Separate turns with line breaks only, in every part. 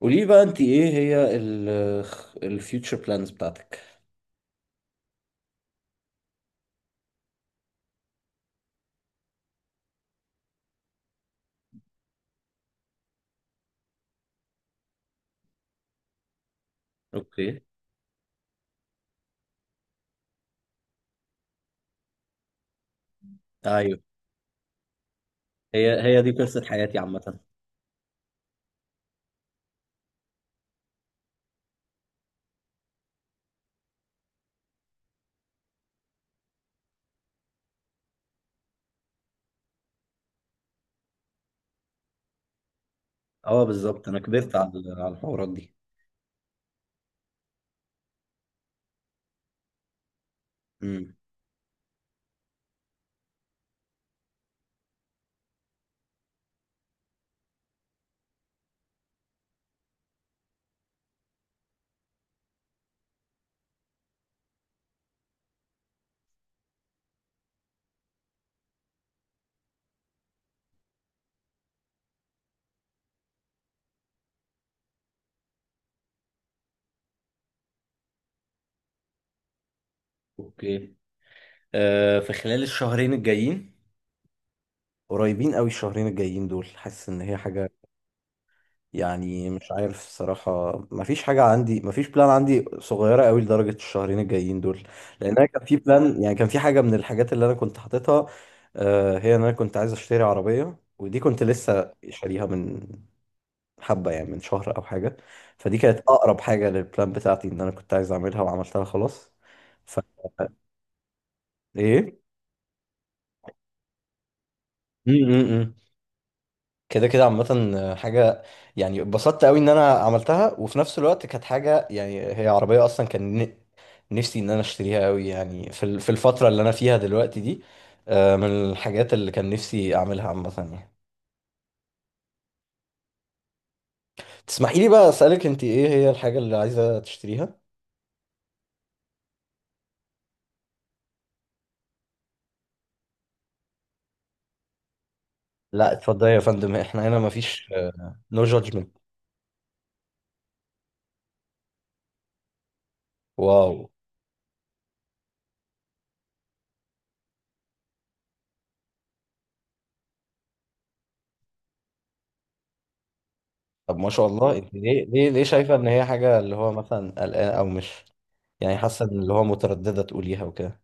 قولي لي بقى، انت ايه هي الفيوتشر بلانز بتاعتك؟ اوكي. ايوه. هي هي دي قصة حياتي عامة. اه، بالظبط. انا كبرت على الحوارات دي. امم. اوكي. آه، في خلال الشهرين الجايين. قريبين قوي الشهرين الجايين دول، حاسس ان هي حاجة. يعني مش عارف الصراحة، مفيش حاجة عندي، مفيش بلان عندي صغيرة قوي لدرجة الشهرين الجايين دول. لأن أنا كان في بلان، يعني كان في حاجة من الحاجات اللي أنا كنت حاططها. هي إن أنا كنت عايز أشتري عربية، ودي كنت لسه شاريها من حبة، يعني من شهر أو حاجة. فدي كانت أقرب حاجة للبلان بتاعتي، إن أنا كنت عايز أعملها وعملتها خلاص. ف إيه؟ م- م- م. كده كده عامة حاجة. يعني اتبسطت قوي ان انا عملتها، وفي نفس الوقت كانت حاجة، يعني هي عربية اصلا كان نفسي ان انا اشتريها قوي، يعني في الفترة اللي انا فيها دلوقتي دي. من الحاجات اللي كان نفسي اعملها عامة، يعني. تسمحي لي بقى اسألك، انت ايه هي الحاجة اللي عايزة تشتريها؟ لا، اتفضلي يا فندم، احنا هنا مفيش نو جادجمنت. واو. طب، ما شاء الله. انت ليه ليه ليه شايفة ان هي حاجة اللي هو مثلا قلقانة او مش، يعني حاسة ان اللي هو مترددة تقوليها وكده.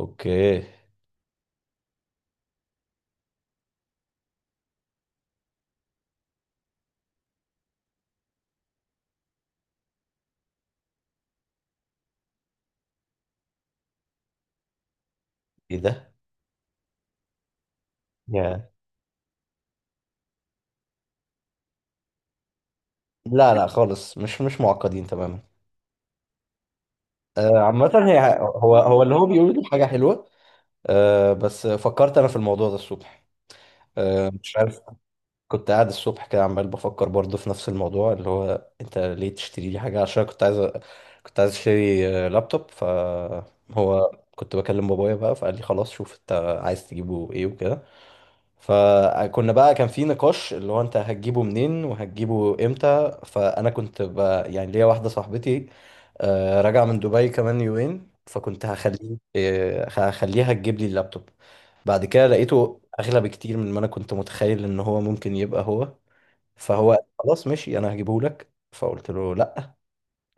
اوكي. ايه ده؟ يا لا لا، خالص. مش معقدين تماما. عامة هي هو هو اللي هو بيقوله، دي حاجة حلوة. بس فكرت أنا في الموضوع ده الصبح. مش عارف. كنت قاعد الصبح كده عمال بفكر برضه في نفس الموضوع، اللي هو أنت ليه تشتري لي حاجة، عشان كنت عايز كنت عايز أشتري لابتوب. فهو كنت بكلم بابايا بقى، فقال لي خلاص، شوف أنت عايز تجيبه إيه وكده. فكنا بقى كان في نقاش اللي هو انت هتجيبه منين وهتجيبه امتى، فانا كنت بقى يعني ليا واحده صاحبتي راجعه من دبي كمان يومين، فكنت هخليها تجيب لي اللابتوب. بعد كده لقيته اغلى بكتير من ما انا كنت متخيل ان هو ممكن يبقى هو. فهو خلاص ماشي، انا هجيبه لك. فقلت له لا،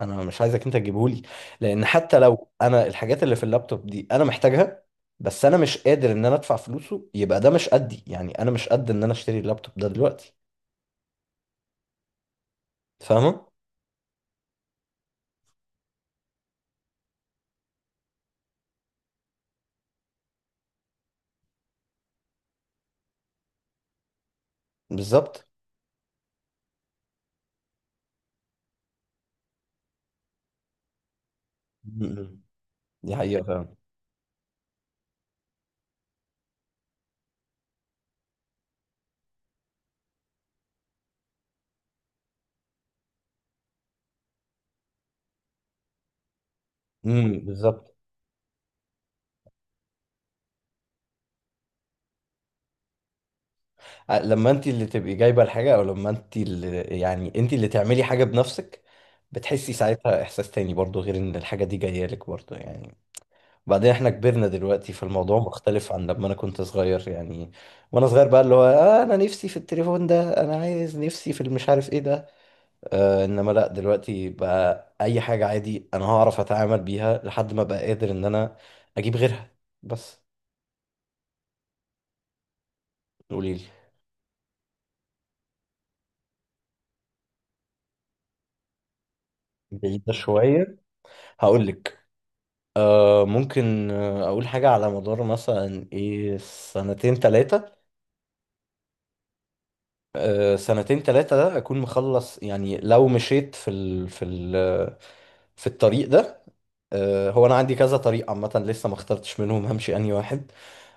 انا مش عايزك انت تجيبهولي، لان حتى لو انا الحاجات اللي في اللابتوب دي انا محتاجها، بس انا مش قادر ان انا ادفع فلوسه، يبقى ده مش قدي، يعني انا مش قد ان انا اشتري اللابتوب ده دلوقتي. فاهمه. بالظبط. م-م. دي حقيقه فعلا. امم. بالظبط. لما انت اللي تبقي جايبه الحاجه، او لما انت اللي، يعني انت اللي تعملي حاجه بنفسك، بتحسي ساعتها احساس تاني برضو غير ان الحاجه دي جايه لك برضو يعني. بعدين احنا كبرنا دلوقتي، فالموضوع مختلف عن لما انا كنت صغير يعني. وانا صغير بقى اللي هو انا نفسي في التليفون ده، انا عايز نفسي في المش عارف ايه ده. انما لا، دلوقتي بقى اي حاجة عادي انا هعرف اتعامل بيها لحد ما بقى قادر ان انا اجيب غيرها. بس. قولي لي. بعيدة شوية. هقول لك. ممكن اقول حاجة على مدار مثلا ايه سنتين تلاتة. سنتين تلاتة ده أكون مخلص، يعني لو مشيت في الطريق ده. هو أنا عندي كذا طريق عامة، لسه ما اخترتش منهم همشي أنهي واحد.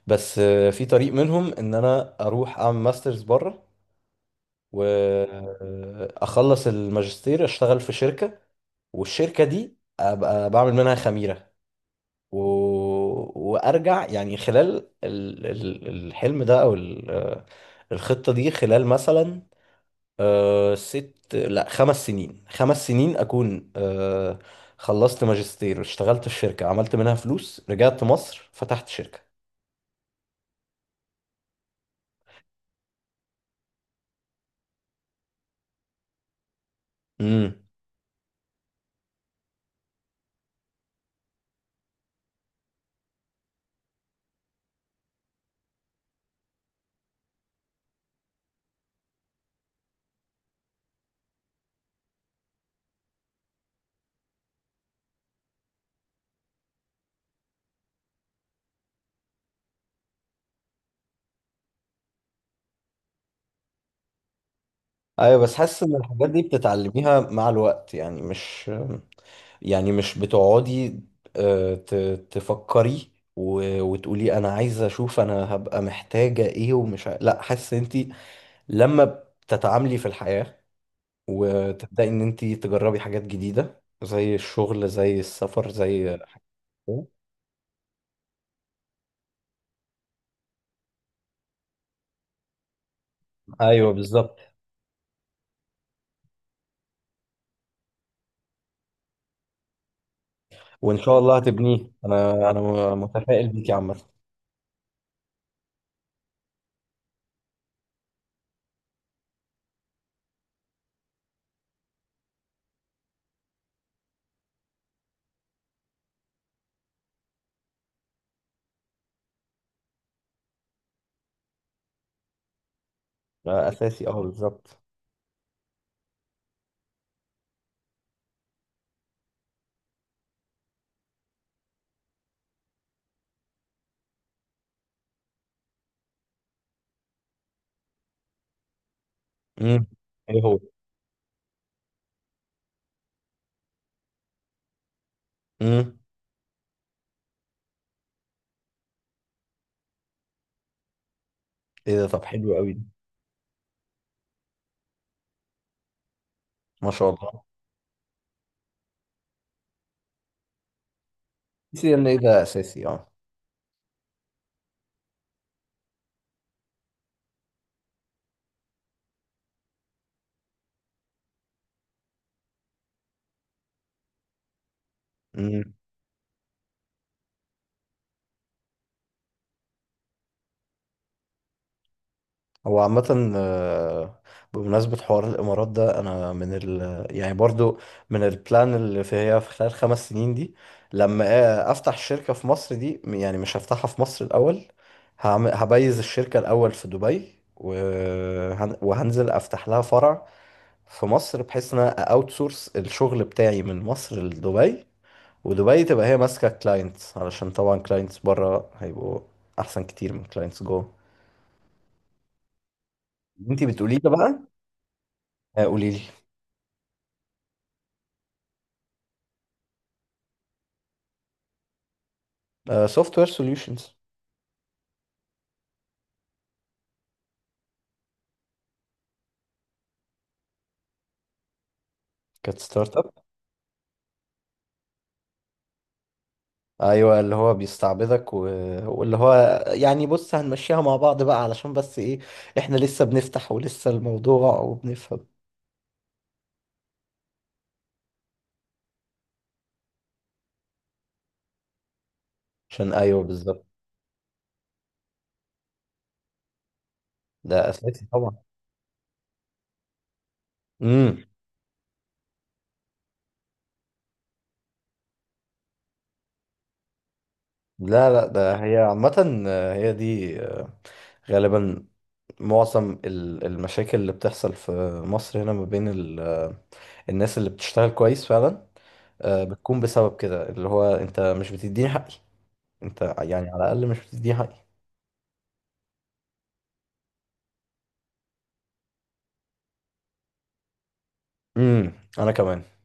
بس في طريق منهم إن أنا أروح أعمل ماسترز بره، وأخلص الماجستير، أشتغل في شركة، والشركة دي أبقى بعمل منها خميرة، و... وأرجع يعني خلال الحلم ده، أو الخطة دي، خلال مثلا لا، خمس سنين خمس سنين أكون خلصت ماجستير، اشتغلت في شركة، عملت منها فلوس، رجعت مصر، فتحت شركة. امم. ايوه بس حاسس ان الحاجات دي بتتعلميها مع الوقت، يعني مش، يعني مش بتقعدي تفكري وتقولي انا عايزه اشوف انا هبقى محتاجه ايه، ومش لا، حاسس ان انت لما بتتعاملي في الحياه، وتبدأي إن أنت تجربي حاجات جديدة زي الشغل زي السفر زي حاجات كده. ايوه بالظبط. وان شاء الله هتبنيه، انا متفائل بيك يا عم. اساسي، اه، بالظبط. امم. ايه هو. امم. ايه ده، طب حلو قوي ده. ما شاء الله. CNA ده اساسي. اه، هو عامة بمناسبة حوار الإمارات ده، أنا من ال، يعني برضو، من البلان اللي في، هي في خلال 5 سنين دي، لما أفتح شركة في مصر دي، يعني مش هفتحها في مصر الأول، هبيز الشركة الأول في دبي، وهنزل أفتح لها فرع في مصر، بحيث إن أنا أوت سورس الشغل بتاعي من مصر لدبي، ودبي تبقى هي ماسكة كلاينتس، علشان طبعا كلاينتس بره هيبقوا أحسن كتير من كلاينتس جوه. انتي بتقولي لي بقى. قولي لي. سوفت وير سوليوشنز. كانت ستارت اب. ايوه، اللي هو بيستعبدك واللي هو، يعني بص هنمشيها مع بعض بقى علشان بس ايه، احنا لسه بنفتح ولسه الموضوع وبنفهم. عشان، ايوه بالظبط. ده اساسي طبعا. امم. لا لا، ده هي عامة، هي دي غالبا معظم المشاكل اللي بتحصل في مصر هنا، ما بين الناس اللي بتشتغل كويس فعلا، بتكون بسبب كده، اللي هو انت مش بتديني حقي، انت يعني على الاقل مش دي حقيقة. امم. انا كمان